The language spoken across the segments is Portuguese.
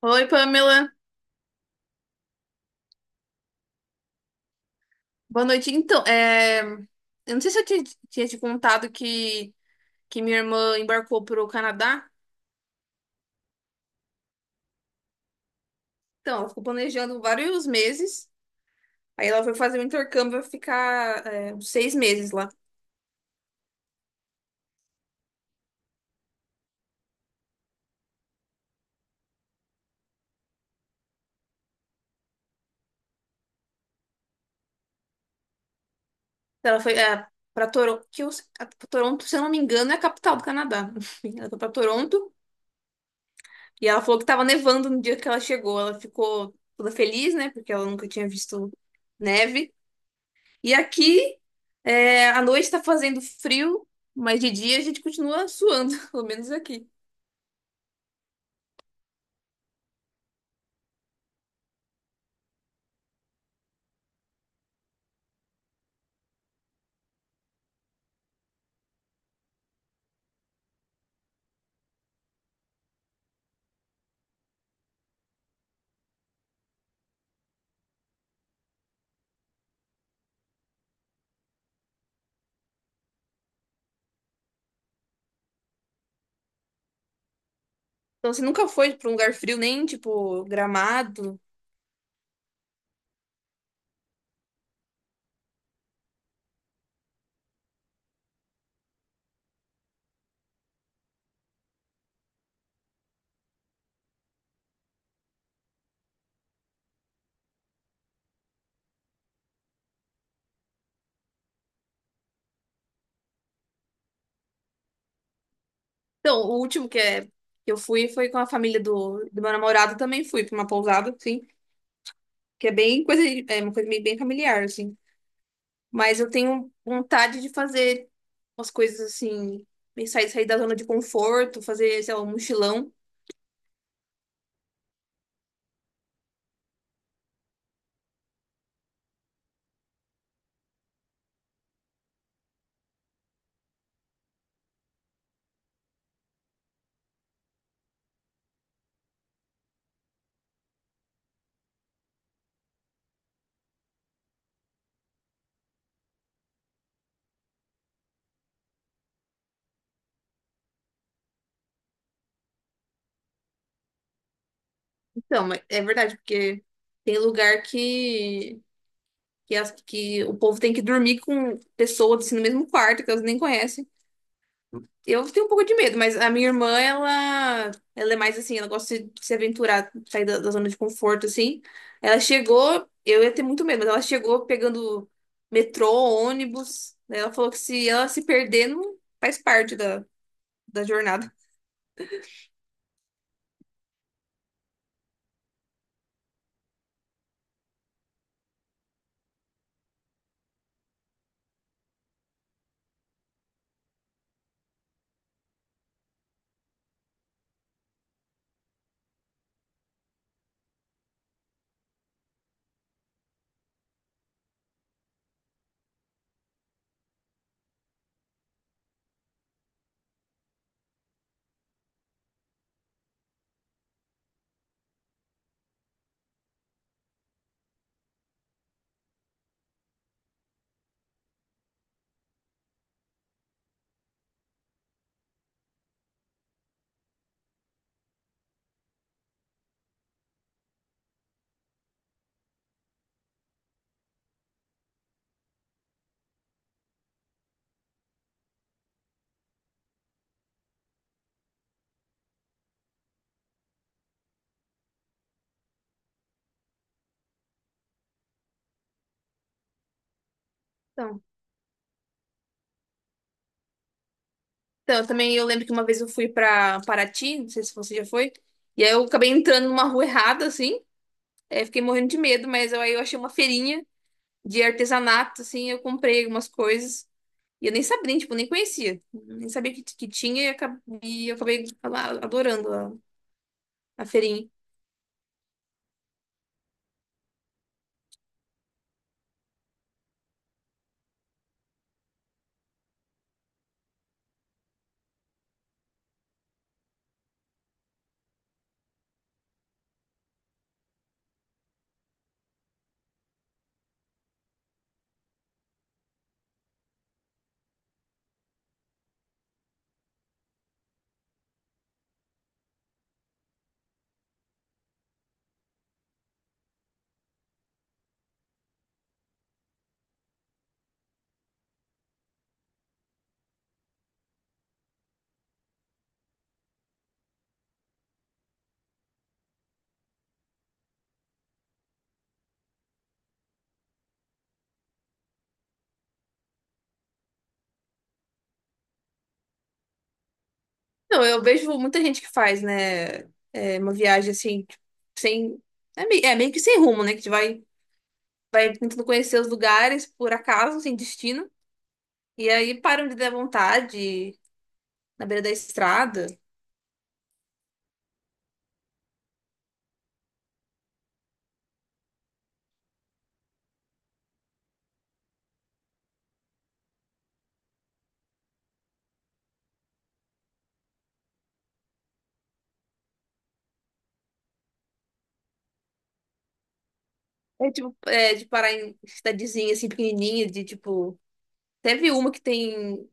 Oi, Pamela. Boa noite. Eu não sei se eu tinha te contado que minha irmã embarcou para o Canadá. Então, ela ficou planejando vários meses. Aí ela foi fazer um intercâmbio, vai ficar uns seis meses lá. Então, ela foi para Toronto, Toronto, se eu não me engano, é a capital do Canadá. Enfim, ela foi para Toronto e ela falou que estava nevando no dia que ela chegou. Ela ficou toda feliz, né? Porque ela nunca tinha visto neve. E aqui, à noite tá fazendo frio, mas de dia a gente continua suando, pelo menos aqui. Então, você nunca foi pra um lugar frio, nem tipo Gramado? Então, o último que eu fui foi com a família do meu namorado, também fui pra uma pousada, assim, que é bem coisa, é uma coisa meio bem familiar, assim. Mas eu tenho vontade de fazer umas coisas assim, meio sair da zona de conforto, fazer, sei lá, um mochilão. Então, mas é verdade, porque tem lugar que o povo tem que dormir com pessoas assim, no mesmo quarto, que elas nem conhecem. Eu tenho um pouco de medo, mas a minha irmã, ela é mais assim, ela gosta de se aventurar, sair da zona de conforto, assim. Ela chegou, eu ia ter muito medo, mas ela chegou pegando metrô, ônibus, né? Ela falou que se ela se perder, não faz parte da jornada. Então, então, eu também eu lembro que uma vez eu fui pra Paraty, não sei se você já foi, e aí eu acabei entrando numa rua errada, assim. Fiquei morrendo de medo, mas eu, aí eu achei uma feirinha de artesanato, assim, eu comprei algumas coisas. E eu nem sabia, nem, tipo, nem conhecia. Nem sabia que tinha e eu acabei lá adorando a feirinha. Não, eu vejo muita gente que faz, né? Uma viagem assim, tipo, sem. É meio que sem rumo, né? Que vai tentando conhecer os lugares por acaso, sem destino. E aí param de dar vontade na beira da estrada. É tipo, de parar em cidadezinha assim, pequenininha, de tipo. Teve uma que tem.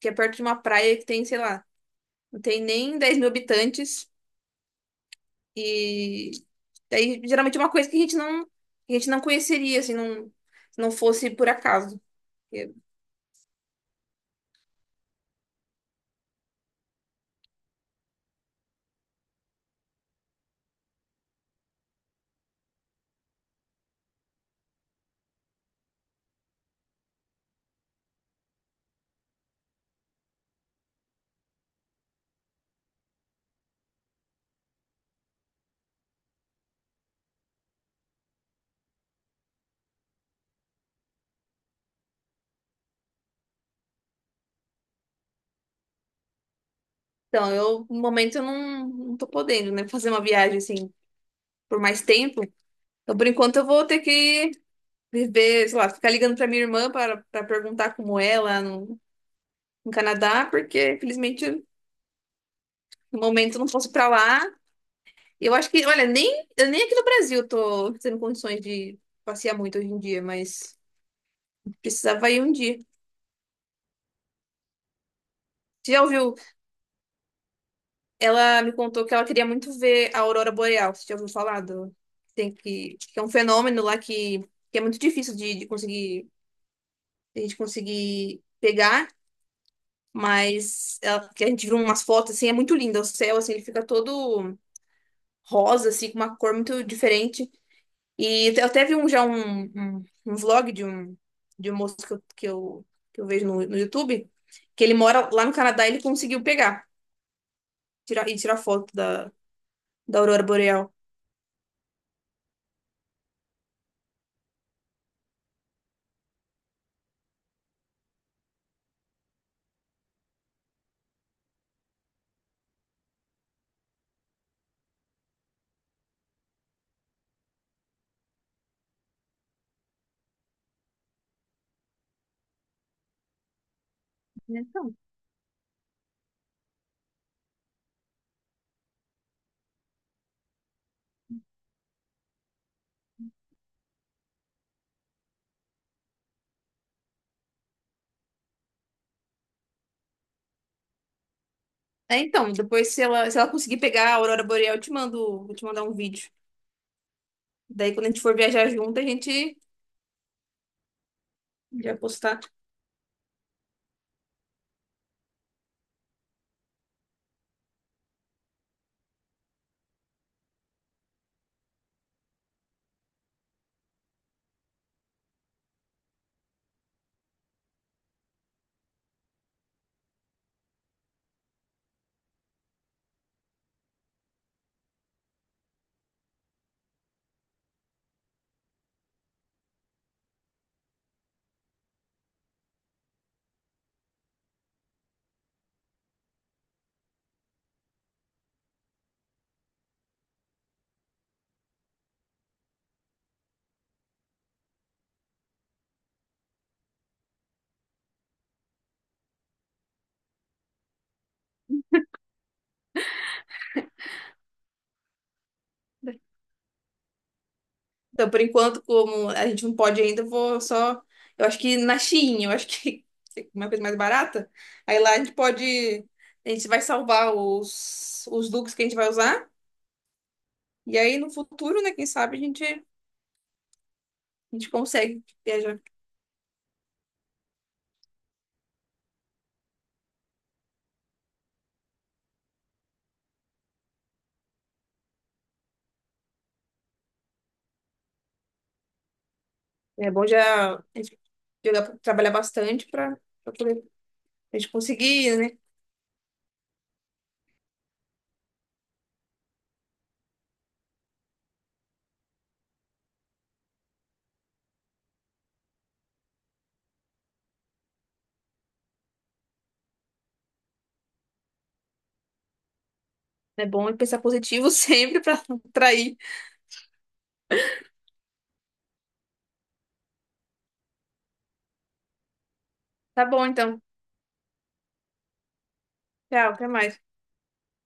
Que é perto de uma praia que tem, sei lá, não tem nem 10 mil habitantes. E daí geralmente é uma coisa que a gente não, que a gente não conheceria, assim, não, se não fosse por acaso. Então, eu, no momento, eu não tô podendo, né, fazer uma viagem, assim, por mais tempo. Então, por enquanto, eu vou ter que viver, sei lá, ficar ligando pra minha irmã para perguntar como é lá no Canadá, porque, infelizmente, no momento, eu não posso ir pra lá. Eu acho que, olha, nem, eu nem aqui no Brasil tô tendo condições de passear muito hoje em dia, mas precisava ir um dia. Você já ouviu? Ela me contou que ela queria muito ver a Aurora Boreal. Você já ouviu falar do... Que é um fenômeno lá que é muito difícil de conseguir, de a gente conseguir pegar, mas que a gente viu umas fotos, assim, é muito lindo. O céu, assim, ele fica todo rosa, assim, com uma cor muito diferente. E te- eu teve um, já um, um, um vlog de um moço que eu vejo no YouTube, que ele mora lá no Canadá e ele conseguiu pegar tirar, e tirar foto da Aurora Boreal. Então. É, então, depois se se ela conseguir pegar a Aurora Boreal, eu te mando, vou te mandar um vídeo. Daí quando a gente for viajar junto, a gente já postar. Então, por enquanto, como a gente não pode ainda, eu vou só. Eu acho que na Shein, eu acho que é uma coisa mais barata. Aí lá a gente pode. A gente vai salvar os looks que a gente vai usar. E aí no futuro, né? Quem sabe a gente consegue viajar. É bom já a gente trabalhar bastante para poder a gente conseguir, né? É bom pensar positivo sempre para atrair. Tá bom, então. Tchau, até mais.